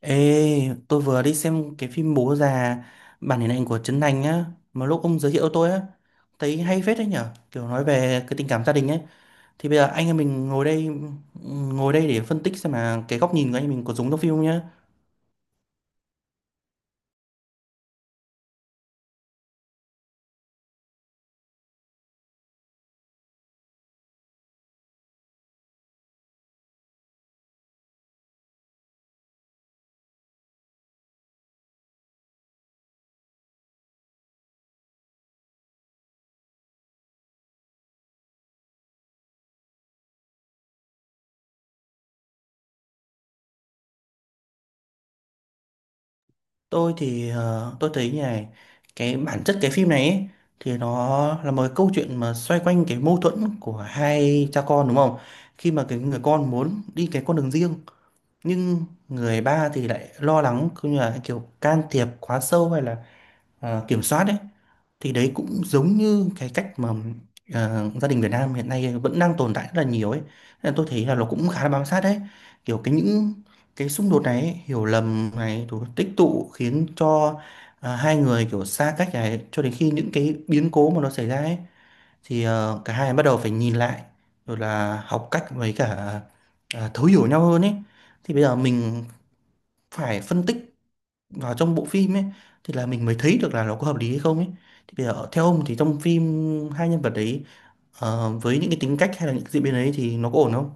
Ê, tôi vừa đi xem cái phim Bố già bản hình ảnh của Trấn Thành á, mà lúc ông giới thiệu tôi á, thấy hay phết đấy nhở, kiểu nói về cái tình cảm gia đình ấy. Thì bây giờ anh em mình ngồi đây để phân tích xem là cái góc nhìn của anh em mình có giống trong phim không nhá. Tôi thì tôi thấy như này, cái bản chất cái phim này ấy, thì nó là một cái câu chuyện mà xoay quanh cái mâu thuẫn của hai cha con đúng không? Khi mà cái người con muốn đi cái con đường riêng nhưng người ba thì lại lo lắng cũng như là kiểu can thiệp quá sâu hay là kiểm soát đấy, thì đấy cũng giống như cái cách mà gia đình Việt Nam hiện nay vẫn đang tồn tại rất là nhiều ấy. Nên tôi thấy là nó cũng khá là bám sát đấy, kiểu cái những cái xung đột này ấy, hiểu lầm này rồi tích tụ khiến cho hai người kiểu xa cách này cho đến khi những cái biến cố mà nó xảy ra ấy, thì cả hai bắt đầu phải nhìn lại rồi là học cách với cả thấu hiểu nhau hơn ấy. Thì bây giờ mình phải phân tích vào trong bộ phim ấy thì là mình mới thấy được là nó có hợp lý hay không ấy. Thì bây giờ theo ông thì trong phim hai nhân vật đấy với những cái tính cách hay là những diễn biến ấy thì nó có ổn không?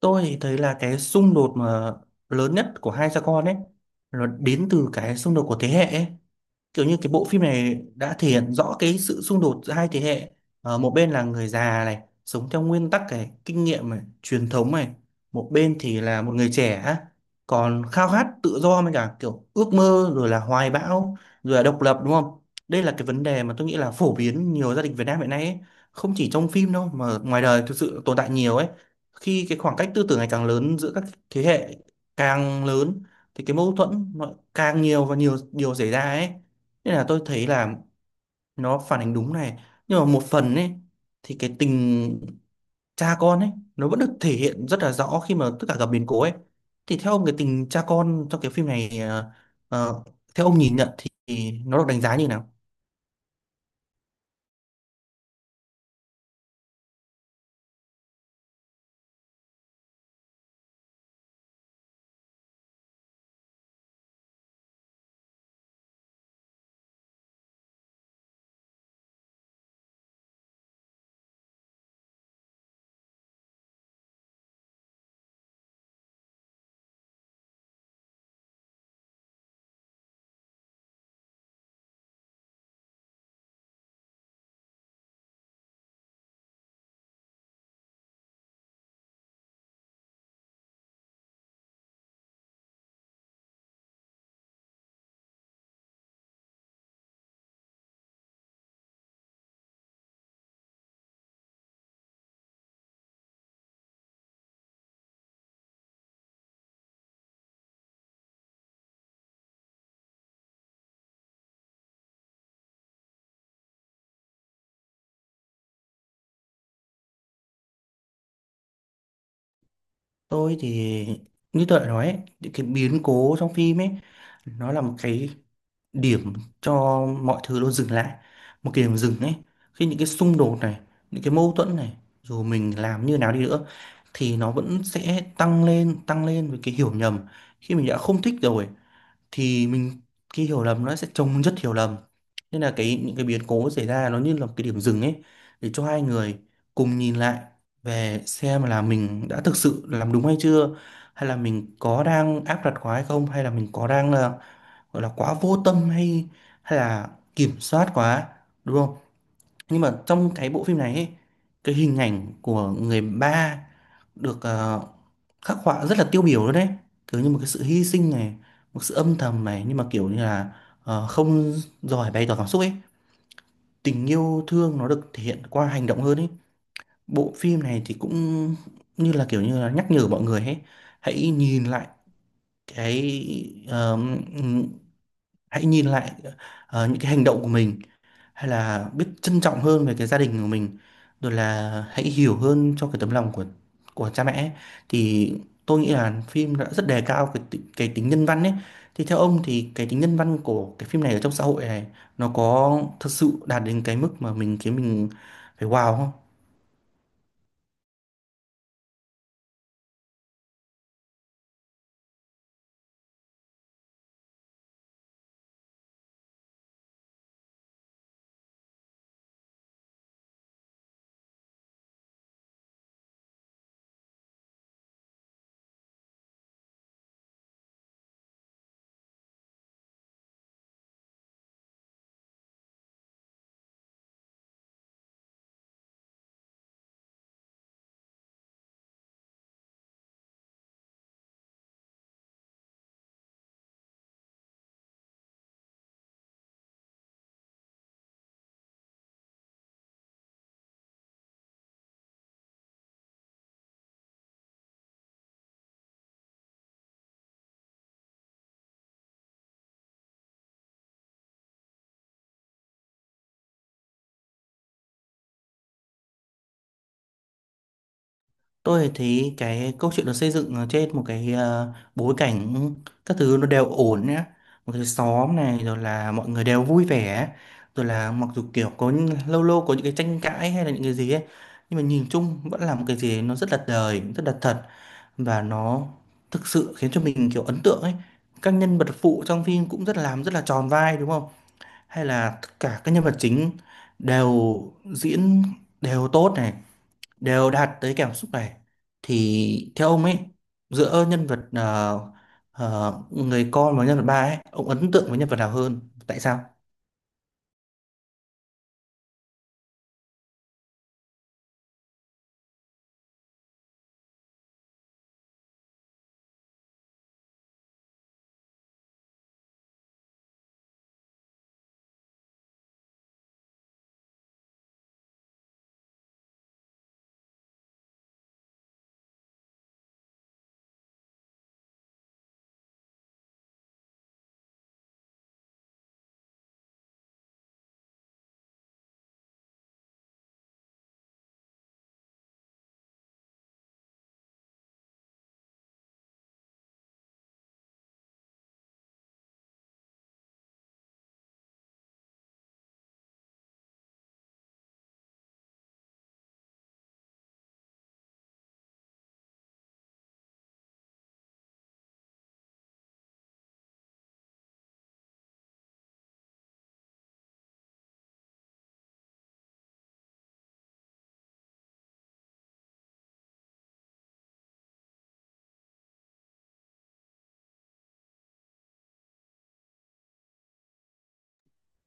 Tôi thì thấy là cái xung đột mà lớn nhất của hai cha con ấy nó đến từ cái xung đột của thế hệ ấy, kiểu như cái bộ phim này đã thể hiện rõ cái sự xung đột giữa hai thế hệ. Một bên là người già này sống theo nguyên tắc này kinh nghiệm này truyền thống này, một bên thì là một người trẻ á, còn khao khát tự do với cả kiểu ước mơ rồi là hoài bão rồi là độc lập đúng không? Đây là cái vấn đề mà tôi nghĩ là phổ biến nhiều gia đình Việt Nam hiện nay ấy. Không chỉ trong phim đâu mà ngoài đời thực sự tồn tại nhiều ấy, khi cái khoảng cách tư tưởng ngày càng lớn giữa các thế hệ càng lớn thì cái mâu thuẫn nó càng nhiều và nhiều điều xảy ra ấy. Nên là tôi thấy là nó phản ánh đúng này, nhưng mà một phần ấy thì cái tình cha con ấy nó vẫn được thể hiện rất là rõ khi mà tất cả gặp biến cố ấy. Thì theo ông cái tình cha con trong cái phim này ờ, theo ông nhìn nhận thì nó được đánh giá như nào? Tôi thì như tôi đã nói ấy, những cái biến cố trong phim ấy nó là một cái điểm cho mọi thứ nó dừng lại, một cái điểm dừng ấy, khi những cái xung đột này, những cái mâu thuẫn này, dù mình làm như nào đi nữa thì nó vẫn sẽ tăng lên với cái hiểu nhầm. Khi mình đã không thích rồi thì mình, cái hiểu lầm nó sẽ chồng chất hiểu lầm. Nên là cái những cái biến cố xảy ra nó như là một cái điểm dừng ấy để cho hai người cùng nhìn lại về xem là mình đã thực sự làm đúng hay chưa, hay là mình có đang áp đặt quá hay không, hay là mình có đang là gọi là quá vô tâm hay hay là kiểm soát quá, đúng không? Nhưng mà trong cái bộ phim này ấy, cái hình ảnh của người ba được khắc họa rất là tiêu biểu luôn đấy, kiểu như một cái sự hy sinh này, một sự âm thầm này, nhưng mà kiểu như là không giỏi bày tỏ cảm xúc ấy, tình yêu thương nó được thể hiện qua hành động hơn ấy. Bộ phim này thì cũng như là kiểu như là nhắc nhở mọi người ấy, hãy nhìn lại cái ờ, hãy nhìn lại ờ, những cái hành động của mình, hay là biết trân trọng hơn về cái gia đình của mình, rồi là hãy hiểu hơn cho cái tấm lòng của cha mẹ ấy. Thì tôi nghĩ là phim đã rất đề cao cái tính nhân văn ấy. Thì theo ông thì cái tính nhân văn của cái phim này ở trong xã hội này nó có thật sự đạt đến cái mức mà mình khiến mình phải wow không? Tôi thấy cái câu chuyện được xây dựng ở trên một cái bối cảnh các thứ nó đều ổn nhá. Một cái xóm này rồi là mọi người đều vui vẻ. Rồi là mặc dù kiểu có lâu lâu có những cái tranh cãi hay là những cái gì ấy. Nhưng mà nhìn chung vẫn là một cái gì nó rất là đời, rất là thật. Và nó thực sự khiến cho mình kiểu ấn tượng ấy. Các nhân vật phụ trong phim cũng rất là tròn vai đúng không? Hay là tất cả các nhân vật chính đều diễn đều tốt này đều đạt tới cảm xúc này. Thì theo ông ấy, giữa nhân vật người con và nhân vật ba ấy, ông ấn tượng với nhân vật nào hơn, tại sao?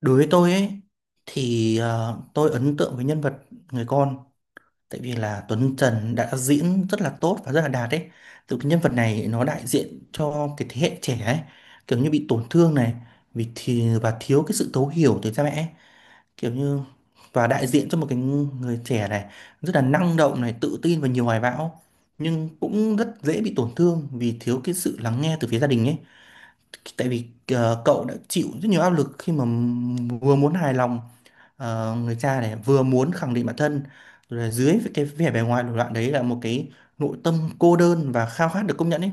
Đối với tôi ấy thì tôi ấn tượng với nhân vật người con, tại vì là Tuấn Trần đã diễn rất là tốt và rất là đạt ấy. Từ cái nhân vật này nó đại diện cho cái thế hệ trẻ ấy, kiểu như bị tổn thương này vì thì và thiếu cái sự thấu hiểu từ cha mẹ ấy. Kiểu như và đại diện cho một cái người trẻ này rất là năng động này, tự tin và nhiều hoài bão nhưng cũng rất dễ bị tổn thương vì thiếu cái sự lắng nghe từ phía gia đình ấy, tại vì cậu đã chịu rất nhiều áp lực khi mà vừa muốn hài lòng người cha này, vừa muốn khẳng định bản thân, rồi là dưới cái vẻ bề ngoài nổi loạn đấy là một cái nội tâm cô đơn và khao khát được công nhận ấy.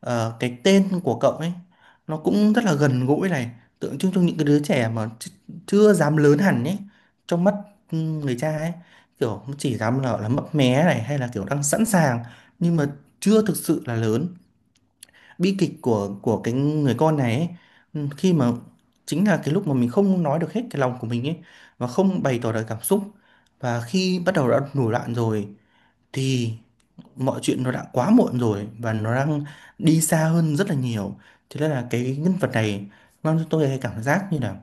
Cái tên của cậu ấy nó cũng rất là gần gũi này, tượng trưng cho những cái đứa trẻ mà chưa dám lớn hẳn ấy trong mắt người cha ấy, kiểu chỉ dám là mấp mé này hay là kiểu đang sẵn sàng nhưng mà chưa thực sự là lớn. Bi kịch của cái người con này ấy, khi mà chính là cái lúc mà mình không nói được hết cái lòng của mình ấy và không bày tỏ được cảm xúc, và khi bắt đầu đã nổi loạn rồi thì mọi chuyện nó đã quá muộn rồi và nó đang đi xa hơn rất là nhiều. Thế nên là cái nhân vật này mang cho tôi cái cảm giác như là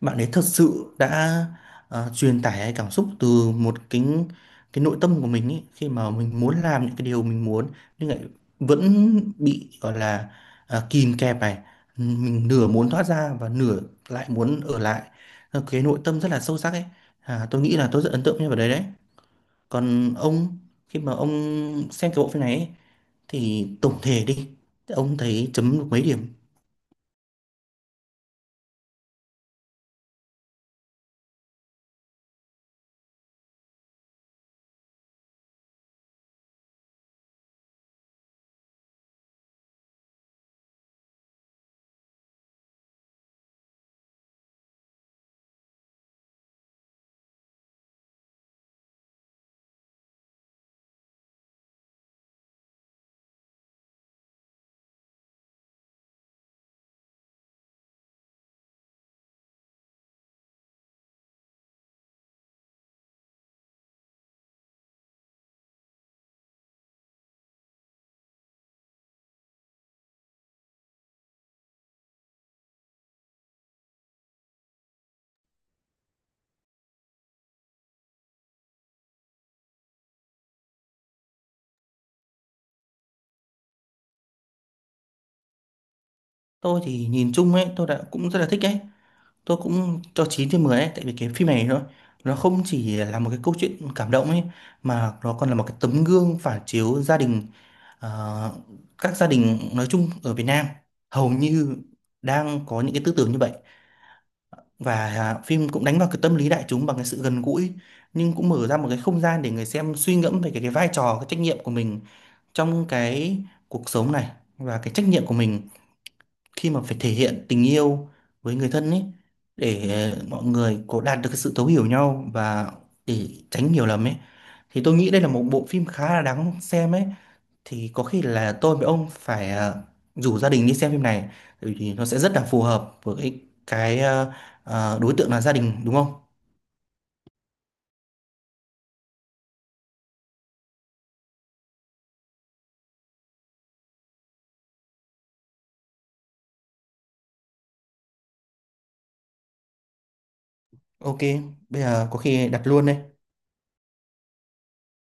bạn ấy thật sự đã truyền tải cái cảm xúc từ một cái nội tâm của mình ấy khi mà mình muốn làm những cái điều mình muốn nhưng lại vẫn bị gọi là kìm kẹp này, mình nửa muốn thoát ra và nửa lại muốn ở lại. Cái nội tâm rất là sâu sắc ấy. À, tôi nghĩ là tôi rất ấn tượng như nhân đấy đấy. Còn ông, khi mà ông xem cái bộ phim này ấy, thì tổng thể đi, ông thấy chấm được mấy điểm? Tôi thì nhìn chung ấy tôi đã cũng rất là thích ấy, tôi cũng cho 9/10 ấy, tại vì cái phim này nó không chỉ là một cái câu chuyện cảm động ấy mà nó còn là một cái tấm gương phản chiếu gia đình. ờ, các gia đình nói chung ở Việt Nam hầu như đang có những cái tư tưởng như vậy, và phim cũng đánh vào cái tâm lý đại chúng bằng cái sự gần gũi, nhưng cũng mở ra một cái không gian để người xem suy ngẫm về cái vai trò cái trách nhiệm của mình trong cái cuộc sống này và cái trách nhiệm của mình khi mà phải thể hiện tình yêu với người thân ấy, để mọi người có đạt được cái sự thấu hiểu nhau và để tránh hiểu lầm ấy. Thì tôi nghĩ đây là một bộ phim khá là đáng xem ấy. Thì có khi là tôi với ông phải rủ gia đình đi xem phim này bởi vì nó sẽ rất là phù hợp với cái đối tượng là gia đình đúng không? Ok, bây giờ có khi đặt luôn đây.